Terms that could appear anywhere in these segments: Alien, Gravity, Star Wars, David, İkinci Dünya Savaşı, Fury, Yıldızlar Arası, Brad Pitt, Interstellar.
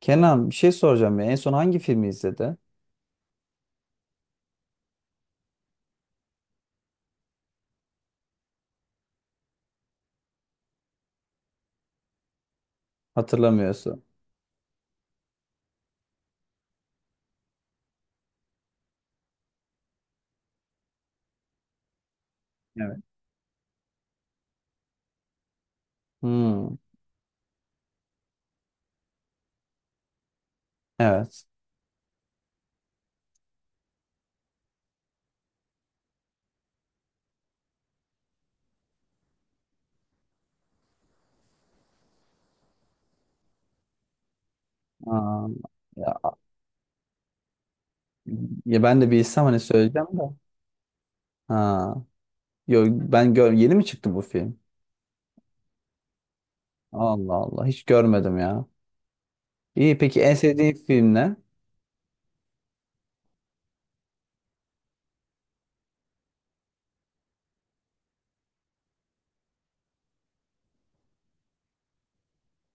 Kenan, bir şey soracağım ya. En son hangi filmi izledi? Hatırlamıyorsun. Evet. Hmm, evet. Aa, ya, ya ben de bilsem hani söyleyeceğim de. Ha. Yo, ben gör yeni mi çıktı bu film? Allah Allah, hiç görmedim ya. İyi, peki en sevdiğin film ne?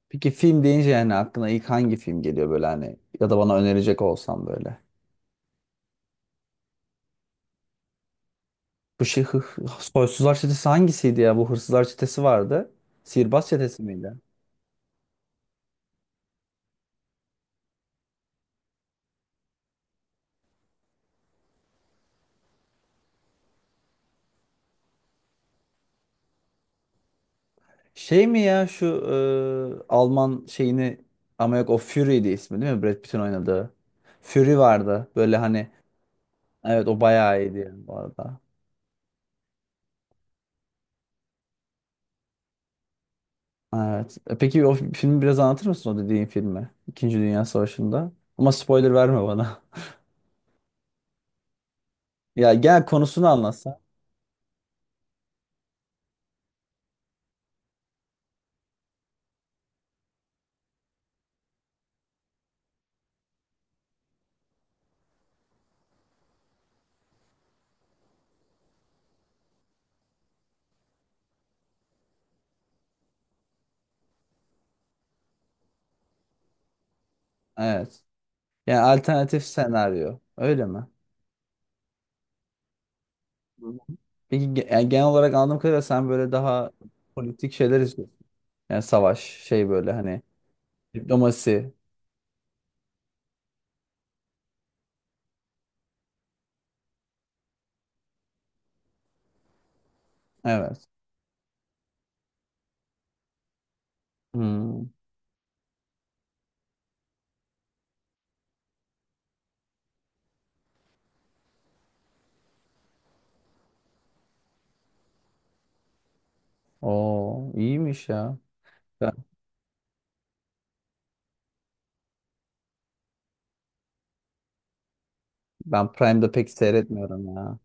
Peki film deyince yani aklına ilk hangi film geliyor böyle hani ya da bana önerecek olsam böyle. Bu şey hı, Soysuzlar Çetesi hangisiydi ya? Bu Hırsızlar Çetesi vardı. Sihirbaz Çetesi miydi? Şey mi ya şu Alman şeyini, ama yok o Fury'di ismi değil mi? Brad Pitt'in oynadığı. Fury vardı. Böyle hani evet, o bayağı iyiydi yani bu arada. Evet. Peki o filmi biraz anlatır mısın, o dediğin filmi? İkinci Dünya Savaşı'nda. Ama spoiler verme bana. Ya gel konusunu anlatsa. Evet. Yani alternatif senaryo. Öyle mi? Hı. Peki yani genel olarak anladığım kadarıyla sen böyle daha politik şeyler istiyorsun. Yani savaş şey böyle hani diplomasi. Evet. Hmm. Oo, iyiymiş ya. Ben, ben Prime'da pek seyretmiyorum ya.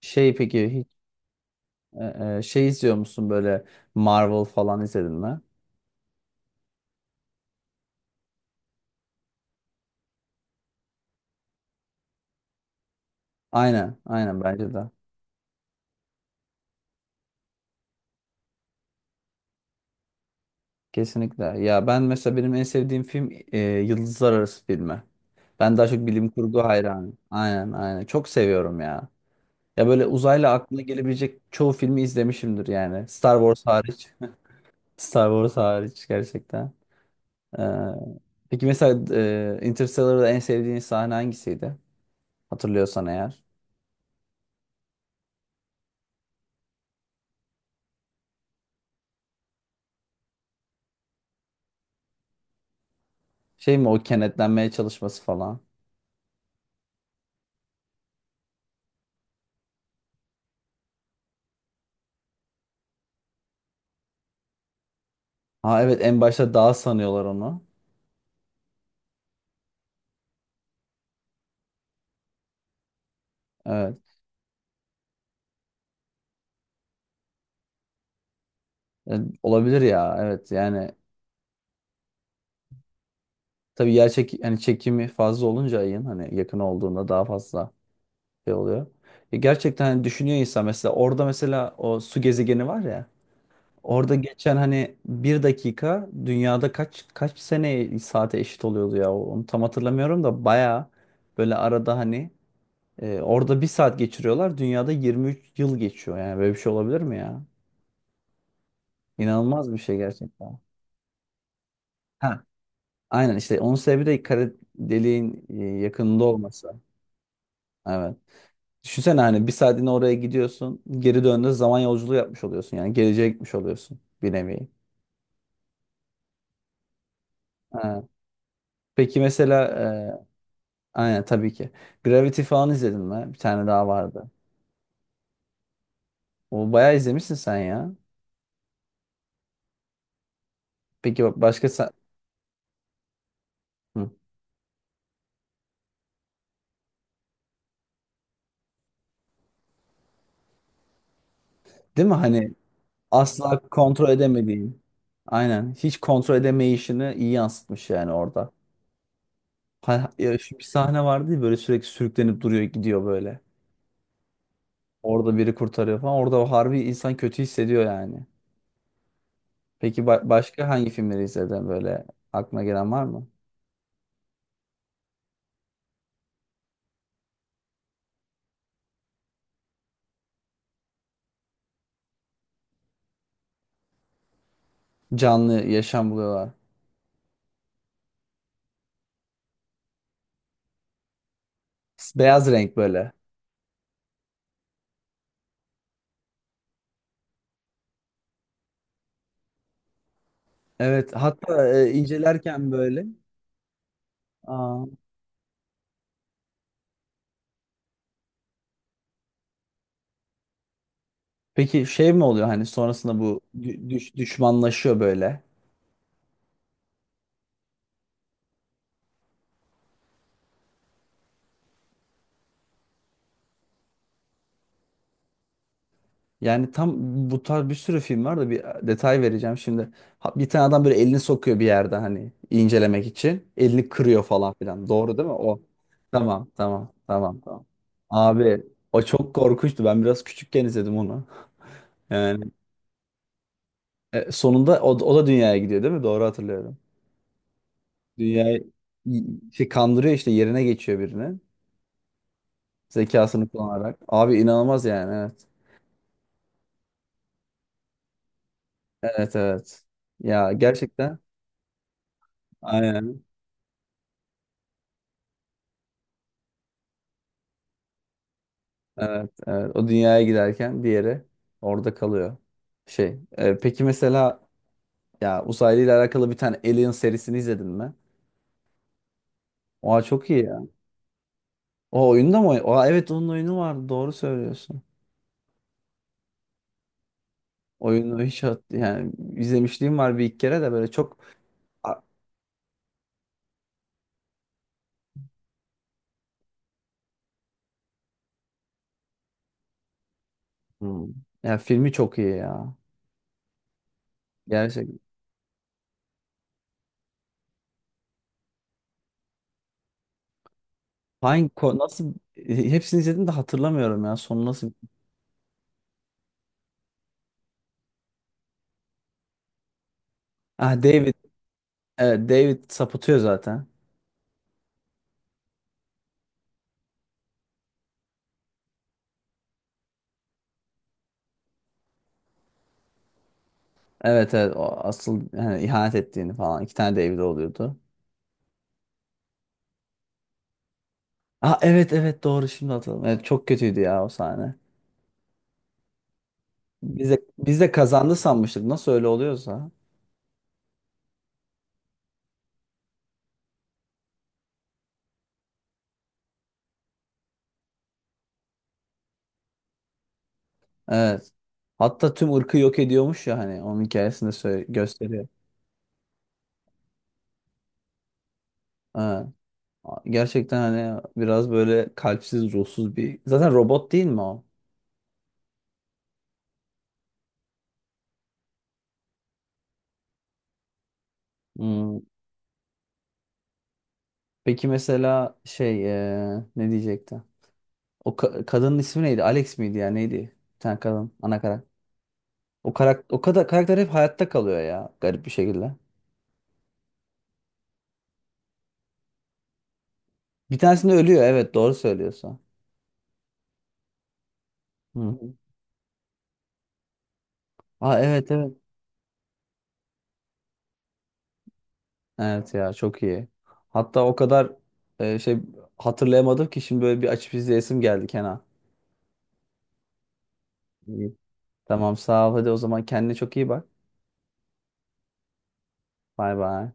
Şey peki hiç şey izliyor musun böyle, Marvel falan izledin mi? Aynen, aynen bence de. Kesinlikle. Ya ben mesela benim en sevdiğim film Yıldızlar Arası filmi. Ben daha çok bilim kurgu hayranıyım. Aynen, aynen. Çok seviyorum ya. Ya böyle uzayla aklına gelebilecek çoğu filmi izlemişimdir yani. Star Wars hariç. Star Wars hariç gerçekten. Ee, peki mesela Interstellar'da en sevdiğin sahne hangisiydi? Hatırlıyorsan eğer. Şey mi o, kenetlenmeye çalışması falan. Ha evet, en başta dağ sanıyorlar onu. Evet. E, olabilir ya. Evet yani tabii yer çek yani çekimi fazla olunca ayın hani yakın olduğunda daha fazla şey oluyor. Gerçekten hani düşünüyor insan, mesela orada mesela o su gezegeni var ya. Orada geçen hani bir dakika dünyada kaç kaç sene saate eşit oluyordu ya, onu tam hatırlamıyorum da baya böyle arada hani orada bir saat geçiriyorlar dünyada 23 yıl geçiyor, yani böyle bir şey olabilir mi ya? İnanılmaz bir şey gerçekten. Ha, aynen işte onun sebebi de kara deliğin yakınında olması. Evet. Düşünsene hani bir saatine oraya gidiyorsun, geri döndüğünde zaman yolculuğu yapmış oluyorsun, yani geleceğe gitmiş oluyorsun bir nevi. Ha. Peki mesela e, aynen tabii ki. Gravity falan izledin mi? Bir tane daha vardı. O bayağı izlemişsin sen ya. Peki bak başka sen... Hı. Değil mi? Hani asla kontrol edemediğin. Aynen. Hiç kontrol edemeyişini iyi yansıtmış yani orada. Ha, ya şu bir sahne vardı ya, böyle sürekli sürüklenip duruyor gidiyor böyle. Orada biri kurtarıyor falan. Orada o harbi insan kötü hissediyor yani. Peki başka hangi filmleri izledin böyle, aklına gelen var mı? Canlı yaşam buluyorlar. Beyaz renk böyle. Evet hatta incelerken böyle. Aa. Peki şey mi oluyor hani sonrasında, bu düşmanlaşıyor böyle. Yani tam bu tarz bir sürü film var da bir detay vereceğim şimdi. Bir tane adam böyle elini sokuyor bir yerde hani incelemek için. Elini kırıyor falan filan. Doğru değil mi, o? Tamam tamam tamam tamam. Abi o çok korkunçtu. Ben biraz küçükken izledim onu. Yani sonunda o, o da dünyaya gidiyor değil mi? Doğru hatırlıyorum. Dünyayı y- şey kandırıyor işte, yerine geçiyor birini. Zekasını kullanarak. Abi inanılmaz yani, evet. Evet evet. Ya gerçekten aynen. Evet, evet. O dünyaya giderken diğeri orada kalıyor. Şey, peki mesela ya uzaylı ile alakalı, bir tane Alien serisini izledin mi? Oha çok iyi ya. O oyunda mı? Oha evet, onun oyunu vardı. Doğru söylüyorsun. Oyunu hiç hat yani izlemişliğim var bir iki kere de böyle çok A- hmm, ya filmi çok iyi ya. Gerçekten. Hangi nasıl, hepsini izledim de hatırlamıyorum ya. Sonu nasıl, ah David, evet, David sapıtıyor zaten. Evet evet, o asıl yani ihanet ettiğini falan, iki tane David oluyordu. Ah evet evet, doğru şimdi hatırladım. Evet, çok kötüydü ya o sahne. Biz de kazandı sanmıştık, nasıl öyle oluyorsa. Evet. Hatta tüm ırkı yok ediyormuş ya hani, onun hikayesinde söyle, gösteriyor. Evet. Gerçekten hani biraz böyle kalpsiz ruhsuz bir, zaten robot değil mi o? Hmm. Peki mesela şey ne diyecekti? O kadının ismi neydi? Alex miydi ya neydi? Bir tane kadın ana karakter. O karakter, o kadar karakter hep hayatta kalıyor ya garip bir şekilde. Bir tanesinde ölüyor, evet doğru söylüyorsun. Hı hı. Aa evet evet. Evet ya çok iyi. Hatta o kadar şey hatırlayamadım ki şimdi, böyle bir açıp izleyesim geldi Kenan. İyi. Tamam sağ ol, hadi o zaman kendine çok iyi bak. Bay bay.